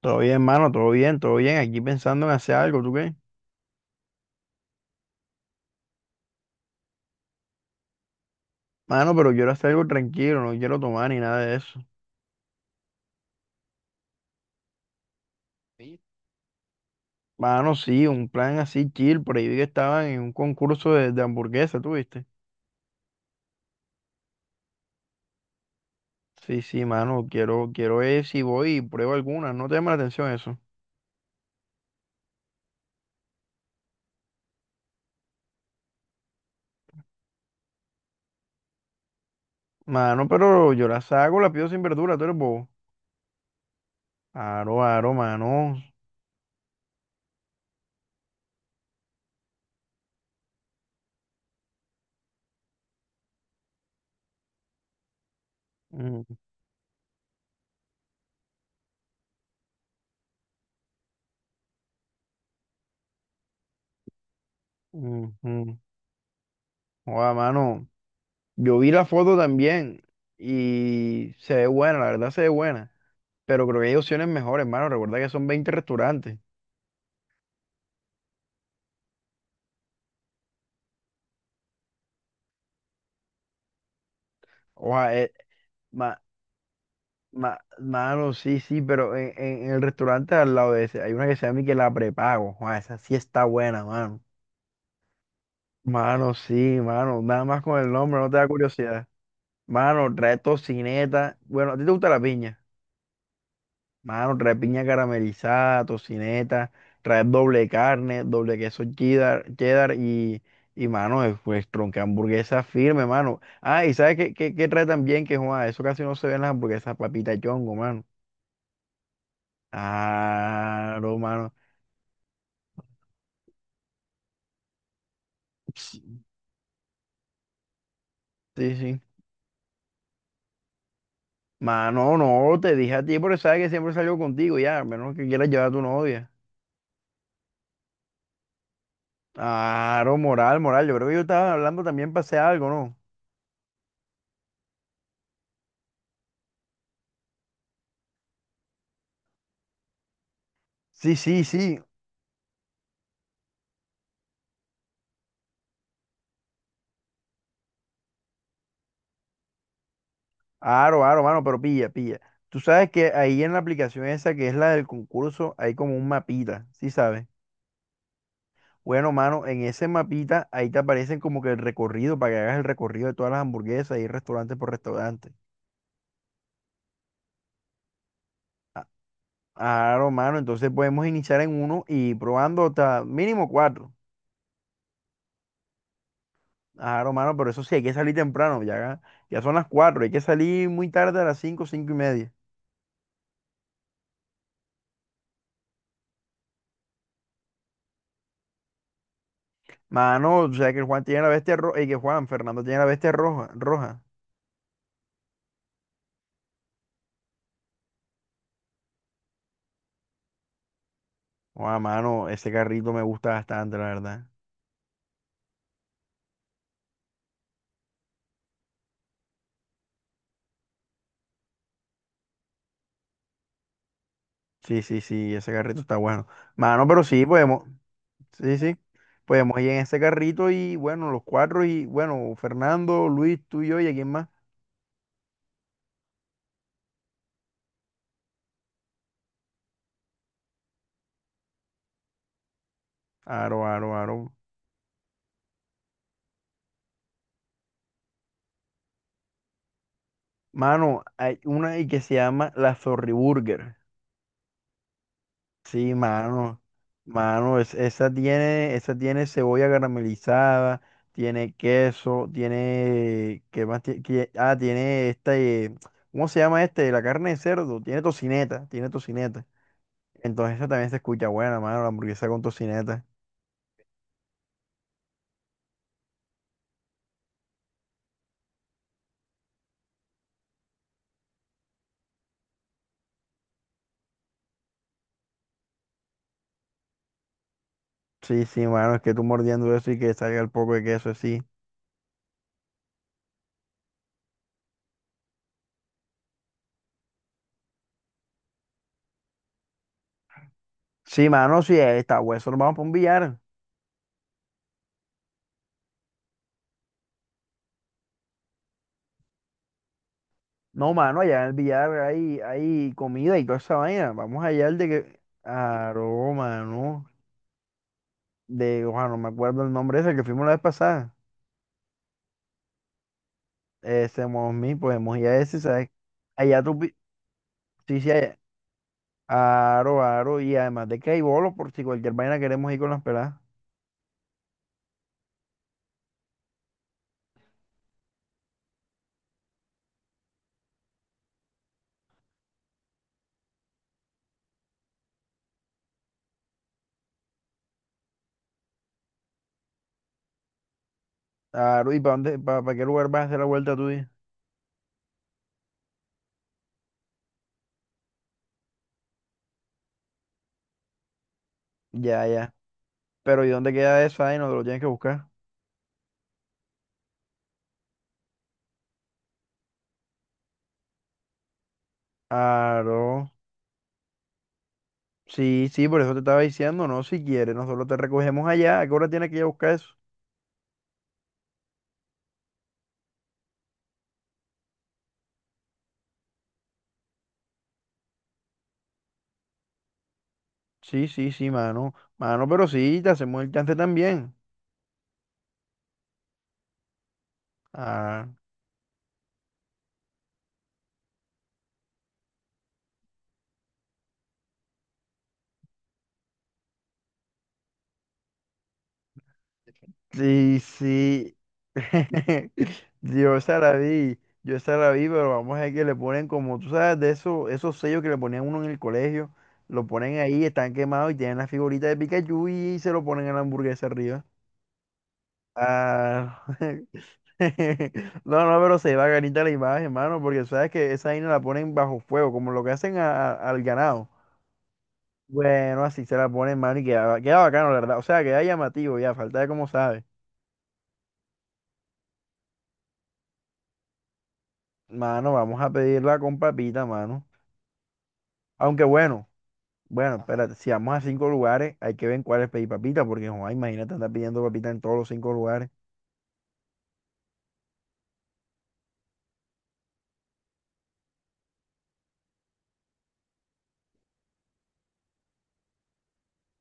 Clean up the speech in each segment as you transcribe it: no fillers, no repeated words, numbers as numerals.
Todo bien, mano, todo bien, todo bien. Aquí pensando en hacer algo, ¿tú qué? Mano, pero quiero hacer algo tranquilo, no quiero tomar ni nada de eso. Sí. Mano, sí, un plan así chill, por ahí vi que estaban en un concurso de hamburguesa, ¿tú viste? Sí, sí, mano, quiero ver si voy y pruebo alguna, no te llama la atención eso. Mano, pero yo las hago, las pido sin verdura, tú eres bobo. Aro, aro, mano. Mm, mm, mm. Joda, mano, yo vi la foto también y se ve buena, la verdad se ve buena. Pero creo que hay opciones mejores, mano. Recuerda que son 20 restaurantes. Oja, ma- mano, sí, sí, pero en el restaurante al lado de ese hay una que se llama que la prepago. Oja, esa sí está buena, mano. Mano, sí, mano. Nada más con el nombre, no te da curiosidad. Mano, trae tocineta. Bueno, ¿a ti te gusta la piña? Mano, trae piña caramelizada, tocineta, trae doble carne, doble queso cheddar y mano, pues tronca hamburguesa firme, mano. Ah, y ¿sabes qué, trae también? Que, Juan, eso casi no se ve en las hamburguesas, papita chongo, mano. Claro, mano. Sí, sí. Mano, no, te dije a ti, pero sabes que siempre salgo contigo, ya, a menos que quieras llevar a tu novia. Claro, moral, moral. Yo creo que yo estaba hablando también, para hacer algo, ¿no? Sí, sí, sí. Aro, aro, mano, pero pilla, pilla. Tú sabes que ahí en la aplicación esa que es la del concurso hay como un mapita, ¿sí sabes? Bueno, mano, en ese mapita ahí te aparecen como que el recorrido para que hagas el recorrido de todas las hamburguesas y restaurante por restaurante. Aro, mano, entonces podemos iniciar en uno y probando hasta mínimo 4. Aro, mano, pero eso sí, hay que salir temprano, ya, ya son las 4, hay que salir muy tarde a las 5, 5:30. Mano, o sea que el Juan tiene la bestia roja, y que Juan, Fernando tiene la bestia roja, roja. Oh, mano, ese carrito me gusta bastante, la verdad. Sí, sí, sí, ese carrito está bueno. Mano, pero sí, podemos, sí, sí, podemos ir en ese carrito y bueno, los cuatro y bueno, Fernando, Luis, tú y yo y a quién más. Aro, aro, aro. Mano, hay una ahí que se llama la Zorri Burger. Sí, mano, esa tiene cebolla caramelizada, tiene queso, tiene, ¿qué más Ah, tiene esta, ¿cómo se llama este? La carne de cerdo, tiene tocineta, tiene tocineta. Entonces esa también se escucha buena, mano, la hamburguesa con tocineta. Sí, sí, mano, es que tú mordiendo eso y que salga el poco de queso, sí. Sí, mano, sí, está hueso, nos vamos para un billar. No, mano, allá en el billar hay comida y toda esa vaina. Vamos allá al de que Aroma, ¿no? De, ojalá, no me acuerdo el nombre ese que fuimos la vez pasada. Ese Mosmi, podemos ir a ese, ¿sabes? Allá tú, sí, sí, allá. Aro, aro, y además de que hay bolos por si cualquier vaina queremos ir con las peladas. Aro, ¿y para dónde, qué lugar vas a hacer la vuelta tuya? Ya, ya. Pero ¿y dónde queda eso ahí? Nos lo tienes que buscar. Aro. Sí, sí, por eso te estaba diciendo, no, si quieres, nosotros te recogemos allá. ¿A qué hora tienes que ir a buscar eso? Sí, sí, sí, mano. Mano, pero sí, te hacemos el chance también. Ah, sí, sí. Yo esa la vi, yo esa la vi, pero vamos a ver que le ponen como, tú sabes, de esos sellos que le ponían uno en el colegio, lo ponen ahí, están quemados y tienen la figurita de Pikachu y se lo ponen en la hamburguesa arriba. Ah, no, no, pero se va ganita la imagen, hermano, porque sabes que esa vaina la ponen bajo fuego, como lo que hacen al ganado. Bueno, así se la ponen, mano, y queda bacano, la verdad. O sea, queda llamativo, ya, falta de cómo sabe. Mano, vamos a pedirla con papita, mano. Aunque bueno, bueno, espérate, si vamos a 5 lugares, hay que ver en cuáles pedir papita, porque joder, imagínate andar pidiendo papita en todos los 5 lugares.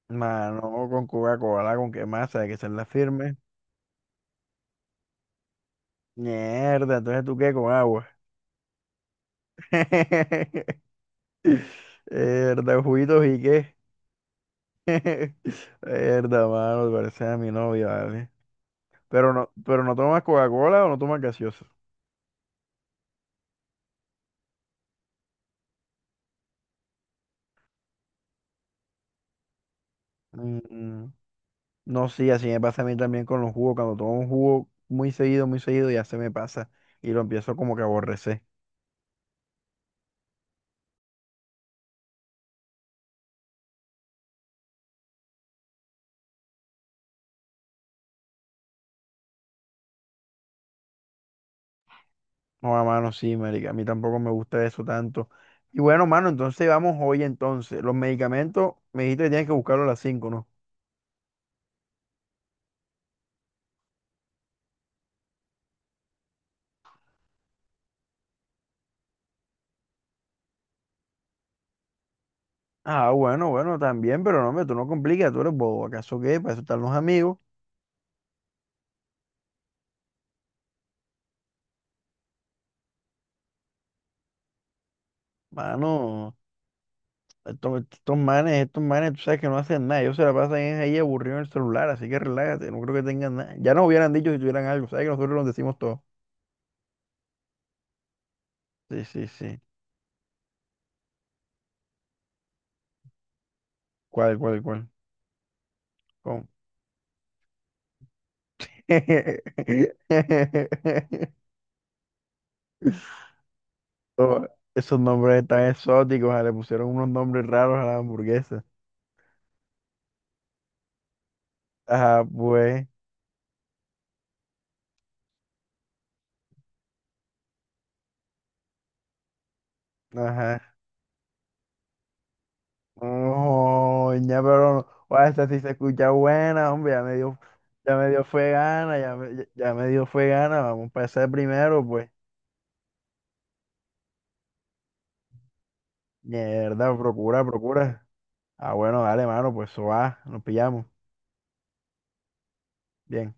Mano, con Coca-Cola, ¿con qué masa? Hay que ser la firme. Mierda, entonces tú qué con agua. Mierda, juguitos y qué. Mierda, mano, parece a mi novia, ¿vale? Pero no tomas Coca-Cola o no tomas gaseosa. Mm, No, sí, así me pasa a mí también con los jugos. Cuando tomo un jugo muy seguido, ya se me pasa y lo empiezo como que a aborrecer. No, a mano, sí, marica. A mí tampoco me gusta eso tanto. Y bueno, mano, entonces vamos hoy entonces. Los medicamentos, me dijiste que tienes que buscarlos a las 5, ¿no? Ah, bueno, bueno, también, pero no, hombre, tú no complicas, tú eres bobo. ¿Acaso qué? Para eso están los amigos. Mano, estos manes, estos manes, tú sabes que no hacen nada. Ellos se la pasan es ahí aburridos en el celular, así que relájate, no creo que tengan nada. Ya nos hubieran dicho si tuvieran algo, sabes que nosotros los decimos todo. Sí, sí, sí. ¿Cuál, cuál, cuál? ¿Cómo? Oh, esos nombres tan exóticos, le pusieron unos nombres raros a la hamburguesa. Ajá, pues, ajá. No, ya, pero no. Oye, esta sí se escucha buena, hombre, ya me dio fue gana, ya me dio fue gana, vamos para ese primero, pues. Mierda, procura, procura. Ah, bueno, dale, mano, pues eso va, nos pillamos. Bien.